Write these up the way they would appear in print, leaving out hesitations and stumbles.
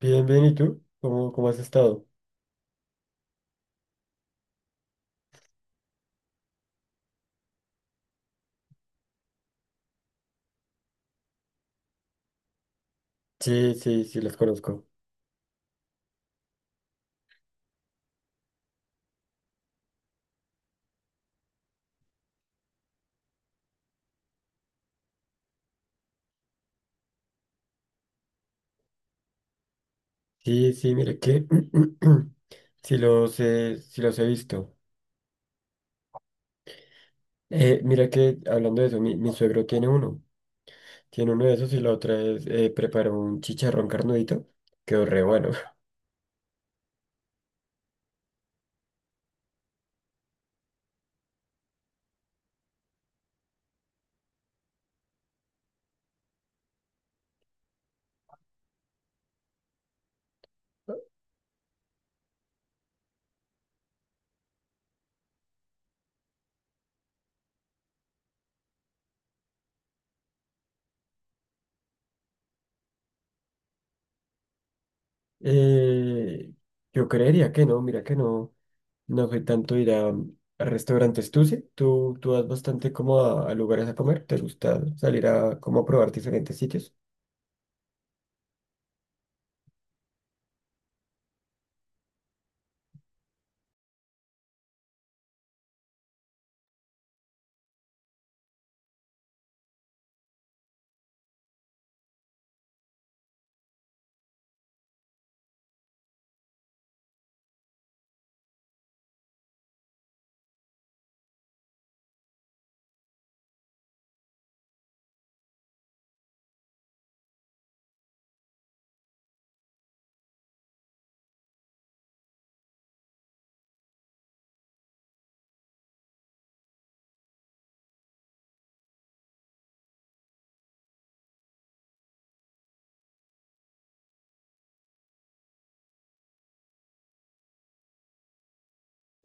Bien, bien, ¿y tú? ¿¿Cómo has estado? Sí, sí, sí, los conozco. Sí, sí, mira que sí los he visto. Mira que hablando de eso, mi suegro tiene uno. Tiene uno de esos y la otra vez preparó un chicharrón carnudito. Quedó re bueno. Eh, yo creería que no, mira que no. No soy tanto ir a restaurantes. ¿Tú sí? ¿Tú vas bastante como a lugares a comer? ¿Te gusta salir a como a probar diferentes sitios?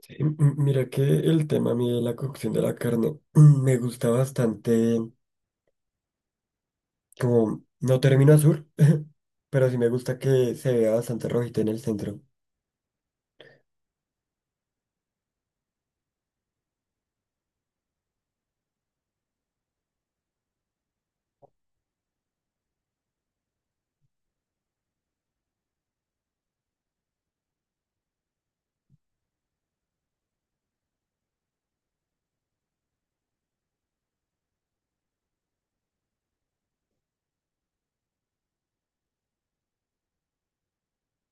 Sí, mira que el tema a mí de la cocción de la carne mm, me gusta bastante, como no termino azul, pero sí me gusta que se vea bastante rojita en el centro.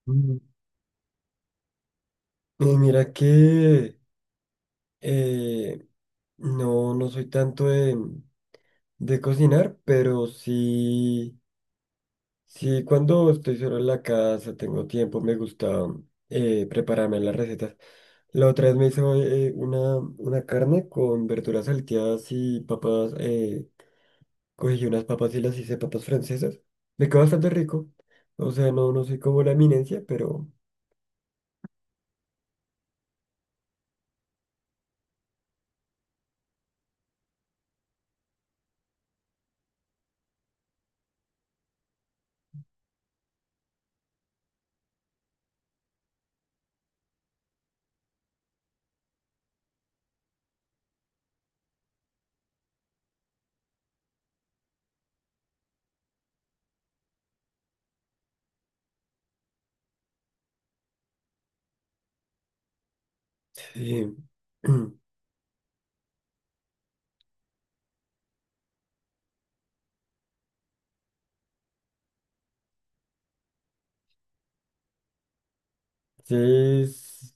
Mm. Y mira que eh, no, no soy tanto de cocinar, pero sí cuando estoy solo en la casa, tengo tiempo, me gusta prepararme las recetas. La otra vez me hizo una carne con verduras salteadas y papas. Cogí unas papas y las hice papas francesas. Me quedó bastante rico. O sea, no, no soy como la eminencia, pero sí. Sí, es-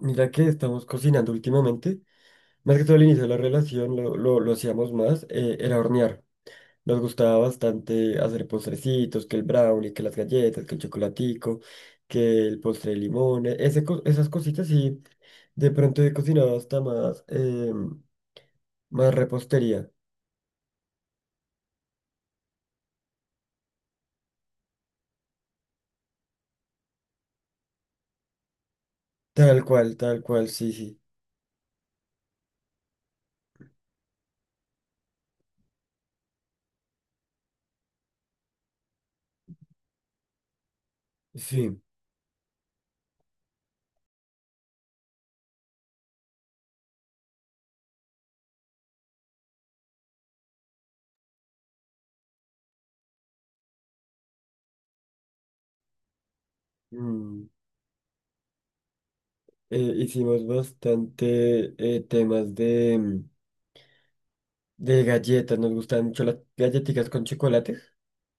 Mira que estamos cocinando últimamente. Más que todo al inicio de la relación lo hacíamos más, era hornear. Nos gustaba bastante hacer postrecitos, que el brownie, que las galletas, que el chocolatico, que el postre de limón, esas cositas y de pronto he cocinado hasta más, más repostería. Tal cual, sí, sí. Sí. mm, Hicimos bastante temas de galletas, nos gustaban mucho las galletitas con chocolate.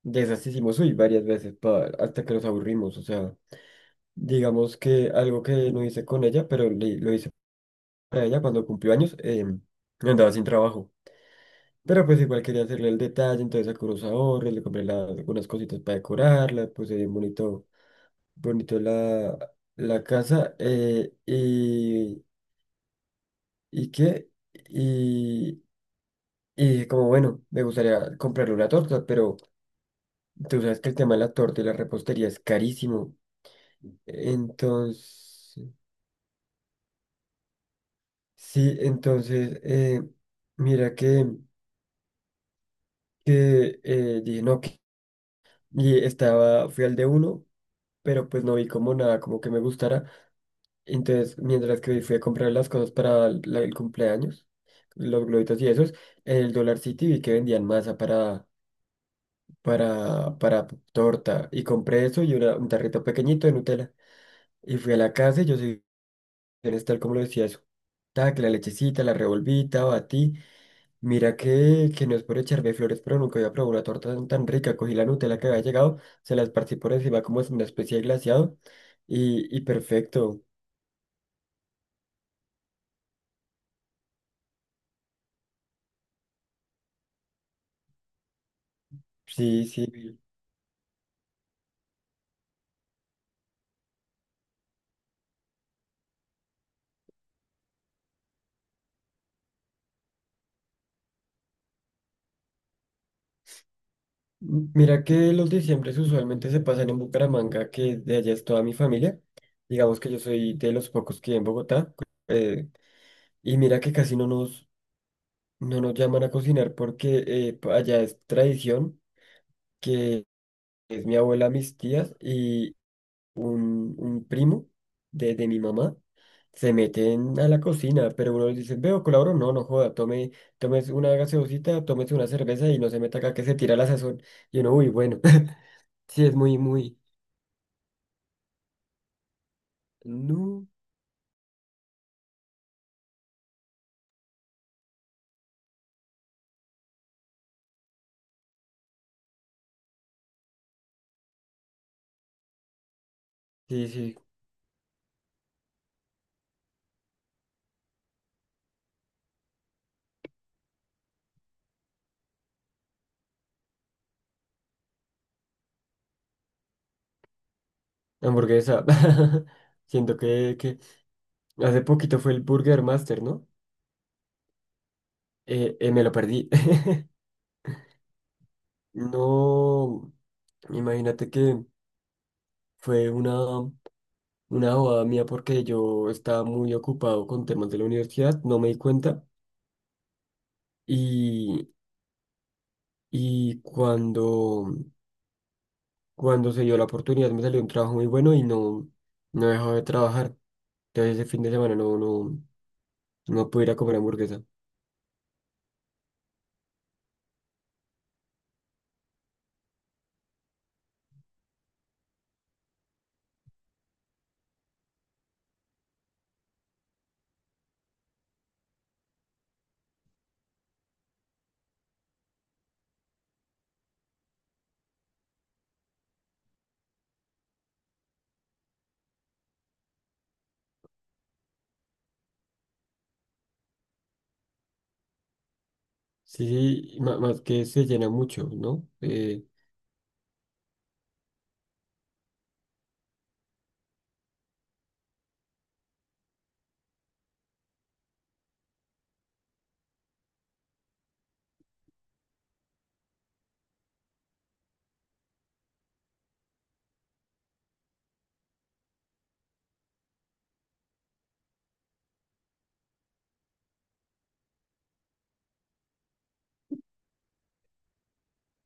De esas hicimos, uy, varias veces hasta que nos aburrimos, o sea. Digamos que algo que no hice con ella, pero lo hice para ella cuando cumplió años, andaba sin trabajo. Pero pues igual quería hacerle el detalle, entonces saqué unos ahorros, le compré algunas cositas para decorarla, puse bien bonito, bonito la casa, y qué, y, y dije como bueno, me gustaría comprarle una torta, pero tú sabes que el tema de la torta y la repostería es carísimo. Entonces, sí, entonces, mira que dije, no, que... Y estaba, fui al de uno, pero pues no vi como nada, como que me gustara. Entonces, mientras que fui a comprar las cosas para el cumpleaños, los globitos y esos, en el Dollar City vi que vendían masa para torta. Y compré eso y un tarrito pequeñito de Nutella. Y fui a la casa y yo soy tal como lo decía eso. Ta, que la lechecita, la revolvita, batí. Mira que no es por echarme flores, pero nunca había probado una torta tan, tan rica. Cogí la Nutella que había llegado, se la esparcí por encima como es una especie de glaseado y perfecto. Sí, sí. Mira que los diciembres usualmente se pasan en Bucaramanga, que de allá es toda mi familia. Digamos que yo soy de los pocos que en Bogotá. eh, y mira que casi no nos, no nos llaman a cocinar porque allá es tradición que es mi abuela, mis tías, un primo de mi mamá, se meten a la cocina, pero uno les dice, veo, colaboro, no, no joda, tome, tomes una gaseosita, tomes una cerveza y no se meta acá que se tira la sazón. Y uno, uy, bueno, sí, es muy, muy, no, sí, sí, hamburguesa. Siento que hace poquito fue el Burger Master, ¿no? Me lo perdí. No, imagínate que fue una. Una boda mía porque yo estaba muy ocupado con temas de la universidad, no me di cuenta y, y cuando, cuando se dio la oportunidad me salió un trabajo muy bueno y no, no he dejado de trabajar. Entonces ese fin de semana no pude ir a comer hamburguesa. Sí, sí, más que se llena mucho, ¿no?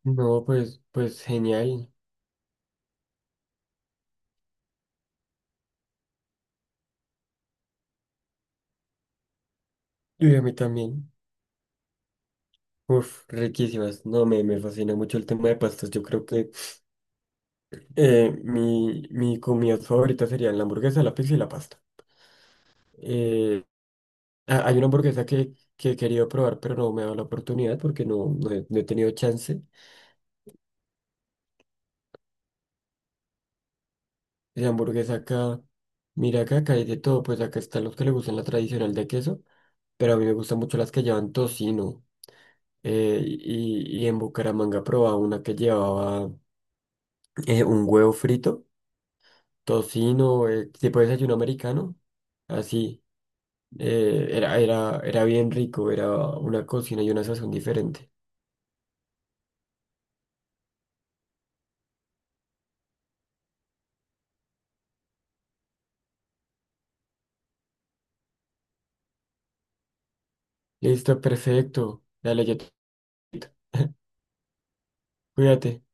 No, pues, pues genial. Y a mí también. Uf, riquísimas. No, me fascina mucho el tema de pastas. Yo creo que mi comida favorita sería la hamburguesa, la pizza y la pasta. Eh, Hay una hamburguesa que he querido probar, pero no me ha dado la oportunidad porque no, no he tenido chance. La hamburguesa acá, mira acá, acá hay de todo, pues acá están los que le gustan la tradicional de queso, pero a mí me gustan mucho las que llevan tocino. Y en Bucaramanga probaba una que llevaba un huevo frito, tocino, tipo desayuno americano, así. Era bien rico, era una cocina y una sazón diferente. Listo, perfecto. Dale, yo te- cuídate.